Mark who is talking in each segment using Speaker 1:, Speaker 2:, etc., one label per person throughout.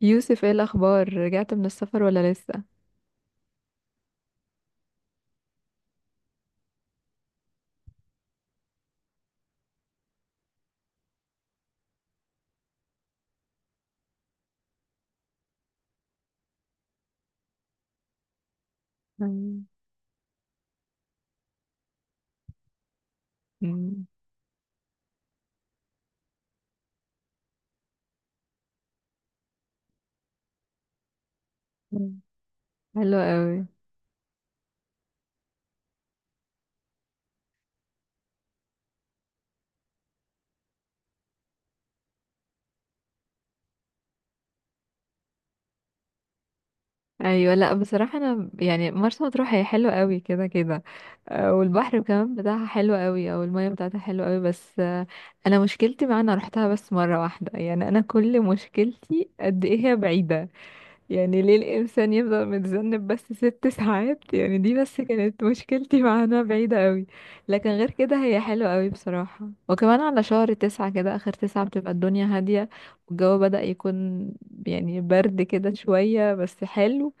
Speaker 1: يوسف، ايه الاخبار؟ رجعت من السفر ولا لسه؟ مم. مم. مم. حلو قوي. ايوه. لا، بصراحه انا يعني مرسى مطروح هي حلوه قوي كده كده. والبحر كمان بتاعها حلو قوي، او الميه بتاعتها حلوه قوي. بس انا مشكلتي، مع انا روحتها بس مره واحده، يعني انا كل مشكلتي قد ايه هي بعيده. يعني ليه الإنسان يفضل متذنب بس 6 ساعات؟ يعني دي بس كانت مشكلتي مع إنها بعيدة قوي. لكن غير كده هي حلوة قوي بصراحة، وكمان على شهر تسعة كده، آخر تسعة بتبقى الدنيا هادية، والجو بدأ يكون يعني برد كده شوية بس حلو.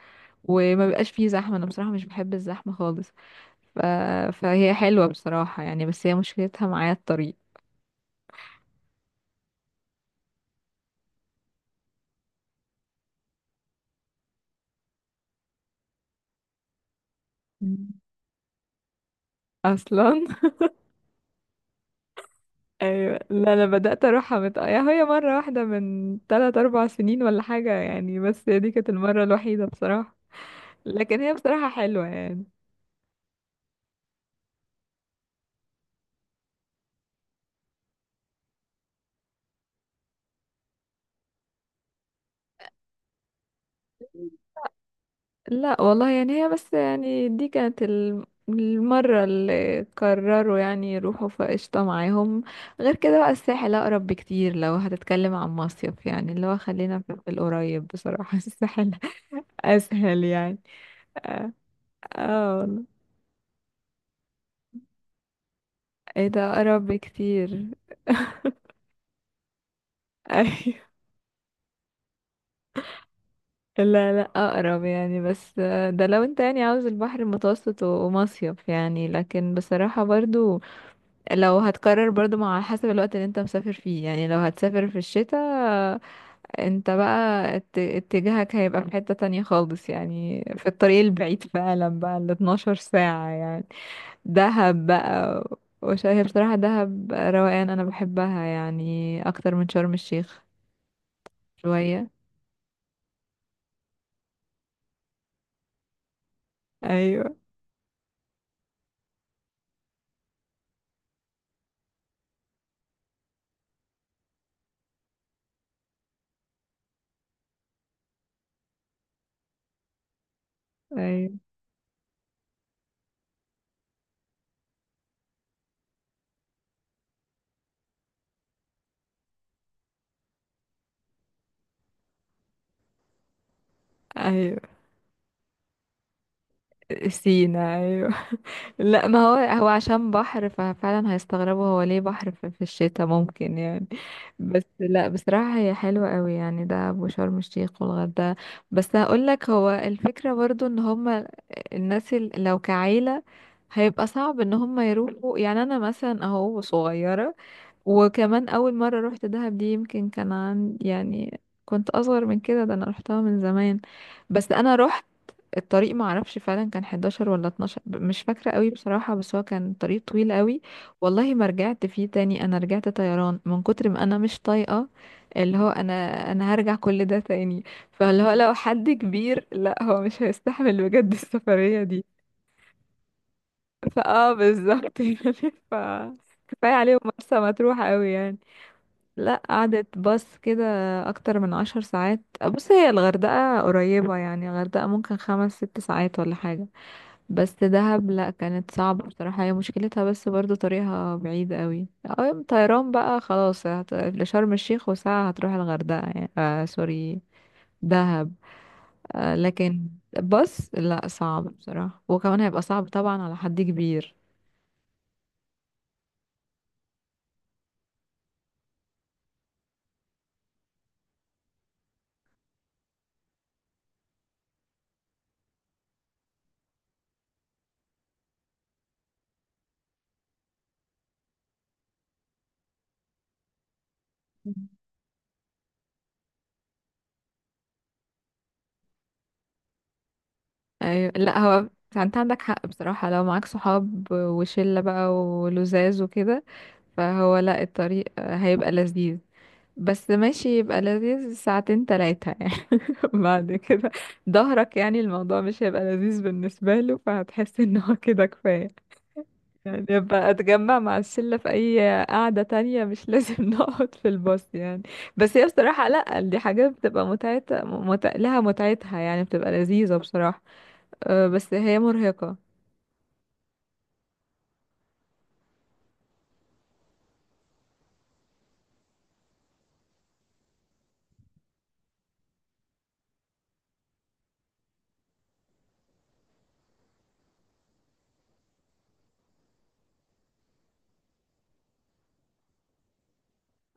Speaker 1: وما بيبقاش فيه زحمة، أنا بصراحة مش بحب الزحمة خالص. ف... فهي حلوة بصراحة يعني، بس هي مشكلتها معايا الطريق. مم. أصلا. ايوه. لا انا بدات اروحها يا هي مره واحده من 3 4 سنين ولا حاجه يعني، بس هي دي كانت المره الوحيده بصراحه. لكن هي بصراحه حلوه يعني. لا والله، يعني هي بس يعني دي كانت المره اللي قرروا يعني يروحوا فقشطه معاهم. غير كده بقى الساحل اقرب بكتير، لو هتتكلم عن مصيف يعني، اللي هو خلينا في القريب بصراحه. الساحل اسهل يعني. اه. آه والله. ايه ده اقرب بكتير؟ لا، لا اقرب يعني. بس ده لو انت يعني عاوز البحر المتوسط و- ومصيف يعني، لكن بصراحة برضو لو هتقرر برضو مع حسب الوقت اللي انت مسافر فيه يعني. لو هتسافر في الشتاء آه، انت بقى اتجاهك هيبقى في حتة تانية خالص يعني، في الطريق البعيد فعلا بقى ال 12 ساعة يعني. دهب بقى، هي بصراحة دهب روقان، انا بحبها يعني اكتر من شرم الشيخ. شوية. ايوه، ايوه، ايوه. سينا أيوه. لا ما هو، هو عشان بحر ففعلا هيستغربوا هو ليه بحر في الشتاء ممكن يعني. بس لا بصراحة هي حلوة قوي يعني، ده أبو شرم الشيخ والغردقة. بس هقول لك، هو الفكرة برضو ان هما الناس لو كعيلة هيبقى صعب ان هما يروحوا. يعني انا مثلا اهو صغيرة، وكمان اول مرة روحت دهب دي يمكن كان عن يعني كنت اصغر من كده، ده انا روحتها من زمان. بس انا روحت الطريق ما اعرفش فعلا كان 11 ولا 12 مش فاكره قوي بصراحه، بس هو كان طريق طويل قوي. والله ما رجعت فيه تاني، انا رجعت طيران من كتر ما انا مش طايقه، اللي هو انا هرجع كل ده تاني. فاللي هو لو حد كبير، لا هو مش هيستحمل بجد السفريه دي. فاه بالظبط يعني. ف كفايه عليهم مرسى مطروح قوي يعني. لا قعدت باص كده اكتر من 10 ساعات. بص هي الغردقه قريبه يعني، الغردقه ممكن 5 6 ساعات ولا حاجه. بس دهب لا كانت صعبة بصراحة، هي مشكلتها بس برضو طريقها بعيد قوي، او طيران بقى خلاص لشرم الشيخ، وساعة هتروح الغردقة يعني. آه سوري، دهب. آه لكن، بس لا صعب بصراحة، وكمان هيبقى صعب طبعا على حد كبير. مم. أيوة. لا هو انت عندك حق بصراحة، لو معاك صحاب وشلة بقى ولزاز وكده، فهو لا الطريق هيبقى لذيذ. بس ماشي يبقى لذيذ ساعتين تلاتة يعني، بعد كده ظهرك، يعني الموضوع مش هيبقى لذيذ بالنسبة له، فهتحس ان هو كده كفاية. يعني يبقى اتجمع مع الشلة في اي قعدة تانية، مش لازم نقعد في الباص يعني. بس هي بصراحة، لا دي حاجات بتبقى متعتها لها متعتها يعني، بتبقى لذيذة بصراحة. بس هي مرهقة.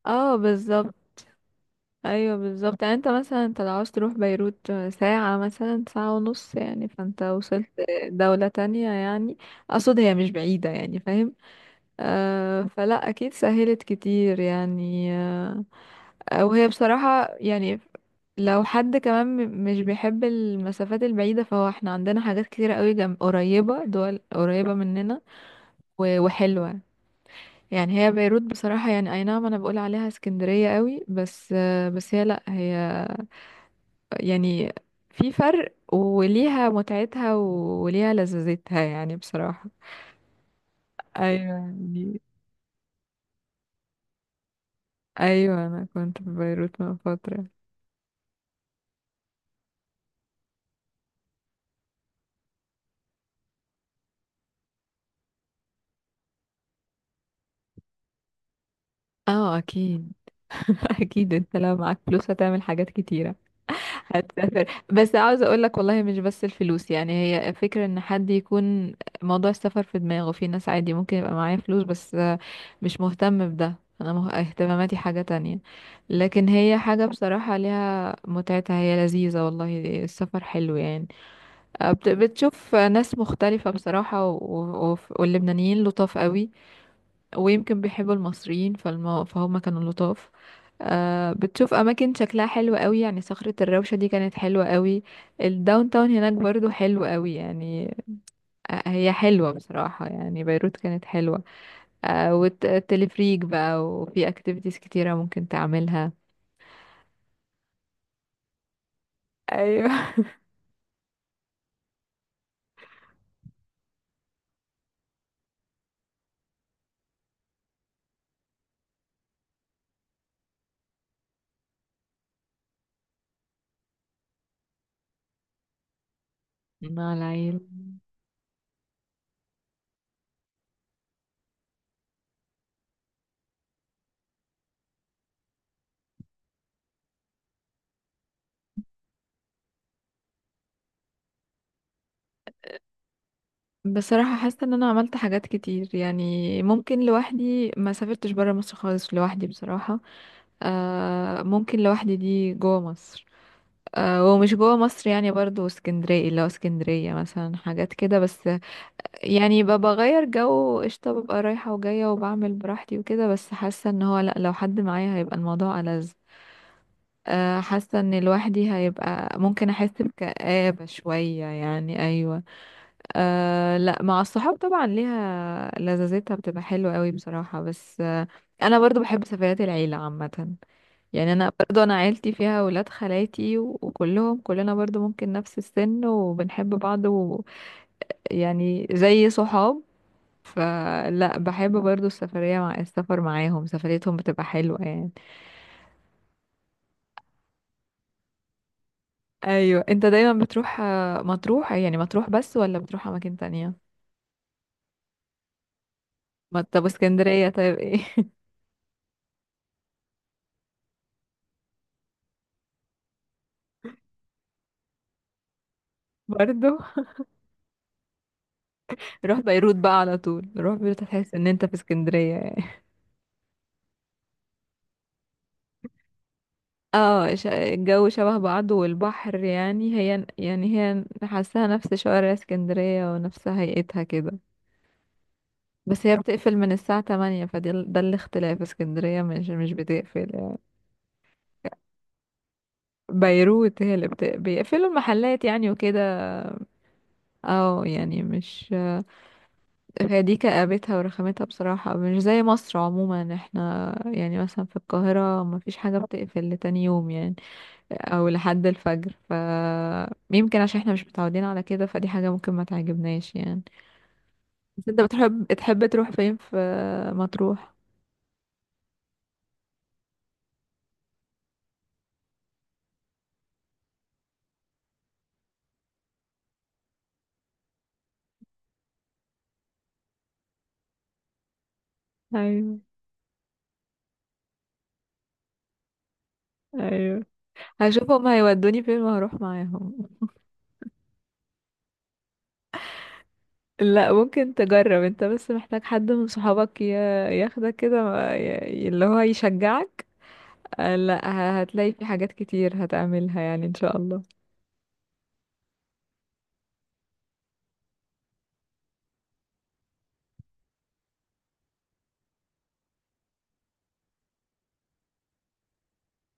Speaker 1: اه بالظبط. ايوه بالظبط يعني. انت مثلا انت لو عاوز تروح بيروت ساعة مثلا ساعة ونص، يعني فانت وصلت دولة تانية يعني، اقصد هي مش بعيدة يعني، فاهم؟ آه فلا اكيد سهلت كتير يعني وهي بصراحة يعني، لو حد كمان مش بيحب المسافات البعيدة، فهو احنا عندنا حاجات كتيرة قوي جنب، قريبة، دول قريبة مننا وحلوة يعني. هي بيروت بصراحة يعني، اي نعم انا بقول عليها اسكندرية قوي، بس هي لا هي يعني في فرق، وليها متعتها وليها لذذتها يعني بصراحة. ايوه يعني. ايوه انا كنت في بيروت من فترة. اه اكيد. اكيد انت لو معاك فلوس هتعمل حاجات كتيرة، هتسافر. بس عاوزة اقولك والله مش بس الفلوس يعني، هي فكرة ان حد يكون موضوع السفر في دماغه. في ناس عادي ممكن يبقى معايا فلوس بس مش مهتم بده. انا اهتماماتي حاجة تانية. لكن هي حاجة بصراحة ليها متعتها، هي لذيذة والله، السفر حلو يعني. بتشوف ناس مختلفة بصراحة، واللبنانيين لطاف قوي، ويمكن بيحبوا المصريين فهم كانوا لطاف. آه بتشوف اماكن شكلها حلو قوي يعني، صخرة الروشة دي كانت حلوة قوي. الداون تاون هناك برضو حلو قوي يعني. آه هي حلوة بصراحة يعني، بيروت كانت حلوة. آه، والتلفريك بقى، وفي اكتيفيتيز كتيرة ممكن تعملها. ايوه. مع العيلة. بصراحة حاسة ان انا عملت حاجات كتير يعني، ممكن لوحدي ما سافرتش برا مصر خالص لوحدي بصراحة. آه ممكن لوحدي دي جوه مصر. ومش جوه مصر يعني برضو، اسكندرية، اللي هو اسكندرية مثلا حاجات كده بس يعني. ببقى بغير جو قشطة، ببقى رايحة وجاية، وبعمل براحتي وكده. بس حاسة ان هو لأ، لو حد معايا هيبقى الموضوع ألذ. حاسة ان لوحدي هيبقى ممكن احس بكآبة شوية يعني، ايوه. أه لا، مع الصحاب طبعا ليها لذاذتها، بتبقى حلوة قوي بصراحة. بس انا برضو بحب سفريات العيلة عامة. يعني انا برضو عيلتي فيها ولاد خالاتي وكلهم، كلنا برضو ممكن نفس السن وبنحب بعض، ويعني زي صحاب، فلا بحب برضو السفرية، مع السفر معاهم سفريتهم بتبقى حلوة يعني. ايوه. انت دايما بتروح مطروح يعني، مطروح بس ولا بتروح اماكن تانية؟ طب اسكندرية طيب، ايه؟ برضو. روح بيروت بقى على طول، روح بيروت هتحس ان انت في اسكندرية يعني. اه الجو شبه بعضه، والبحر يعني، هي يعني هي حاساها نفس شوارع اسكندرية ونفس هيئتها كده. بس هي بتقفل من الساعة 8، فده ده الاختلاف. اسكندرية مش بتقفل يعني. بيروت هي اللي بيقفلوا المحلات يعني وكده. اه يعني، مش هي دي كآبتها ورخامتها بصراحة، مش زي مصر عموما. احنا يعني مثلا في القاهرة مفيش حاجة بتقفل لتاني يوم يعني، او لحد الفجر. يمكن عشان احنا مش متعودين على كده، فدي حاجة ممكن ما تعجبناش يعني. بس انت بتحب تروح فين، في مطروح؟ ايوه، اييوه. هشوف هما هيودوني فين وهروح معاهم. لا ممكن تجرب، انت بس محتاج حد من صحابك ياخدك كده، اللي هو يشجعك. لا هتلاقي في حاجات كتير هتعملها يعني ان شاء الله.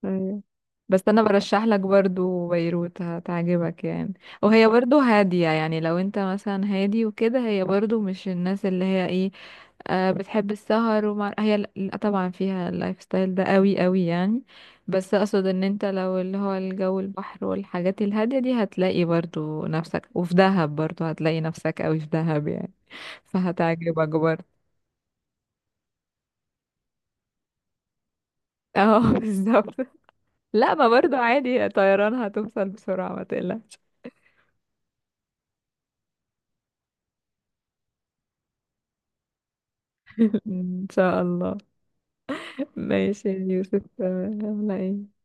Speaker 1: أيوة. بس انا برشح لك برضو بيروت هتعجبك يعني، وهي برضو هادية يعني لو انت مثلا هادي وكده. هي برضو مش الناس اللي هي ايه، آه، بتحب السهر. ومع هي لا طبعا فيها اللايف ستايل ده قوي قوي يعني. بس اقصد، ان انت لو اللي هو الجو البحر والحاجات الهادية دي، هتلاقي برضو نفسك، وفي دهب برضو هتلاقي نفسك قوي في دهب يعني، فهتعجبك برضو. اه بالظبط. لا ما برضو عادي، طيران هتوصل بسرعة ما تقلقش. إن شاء الله. ماشي يا يوسف، يلا إيه؟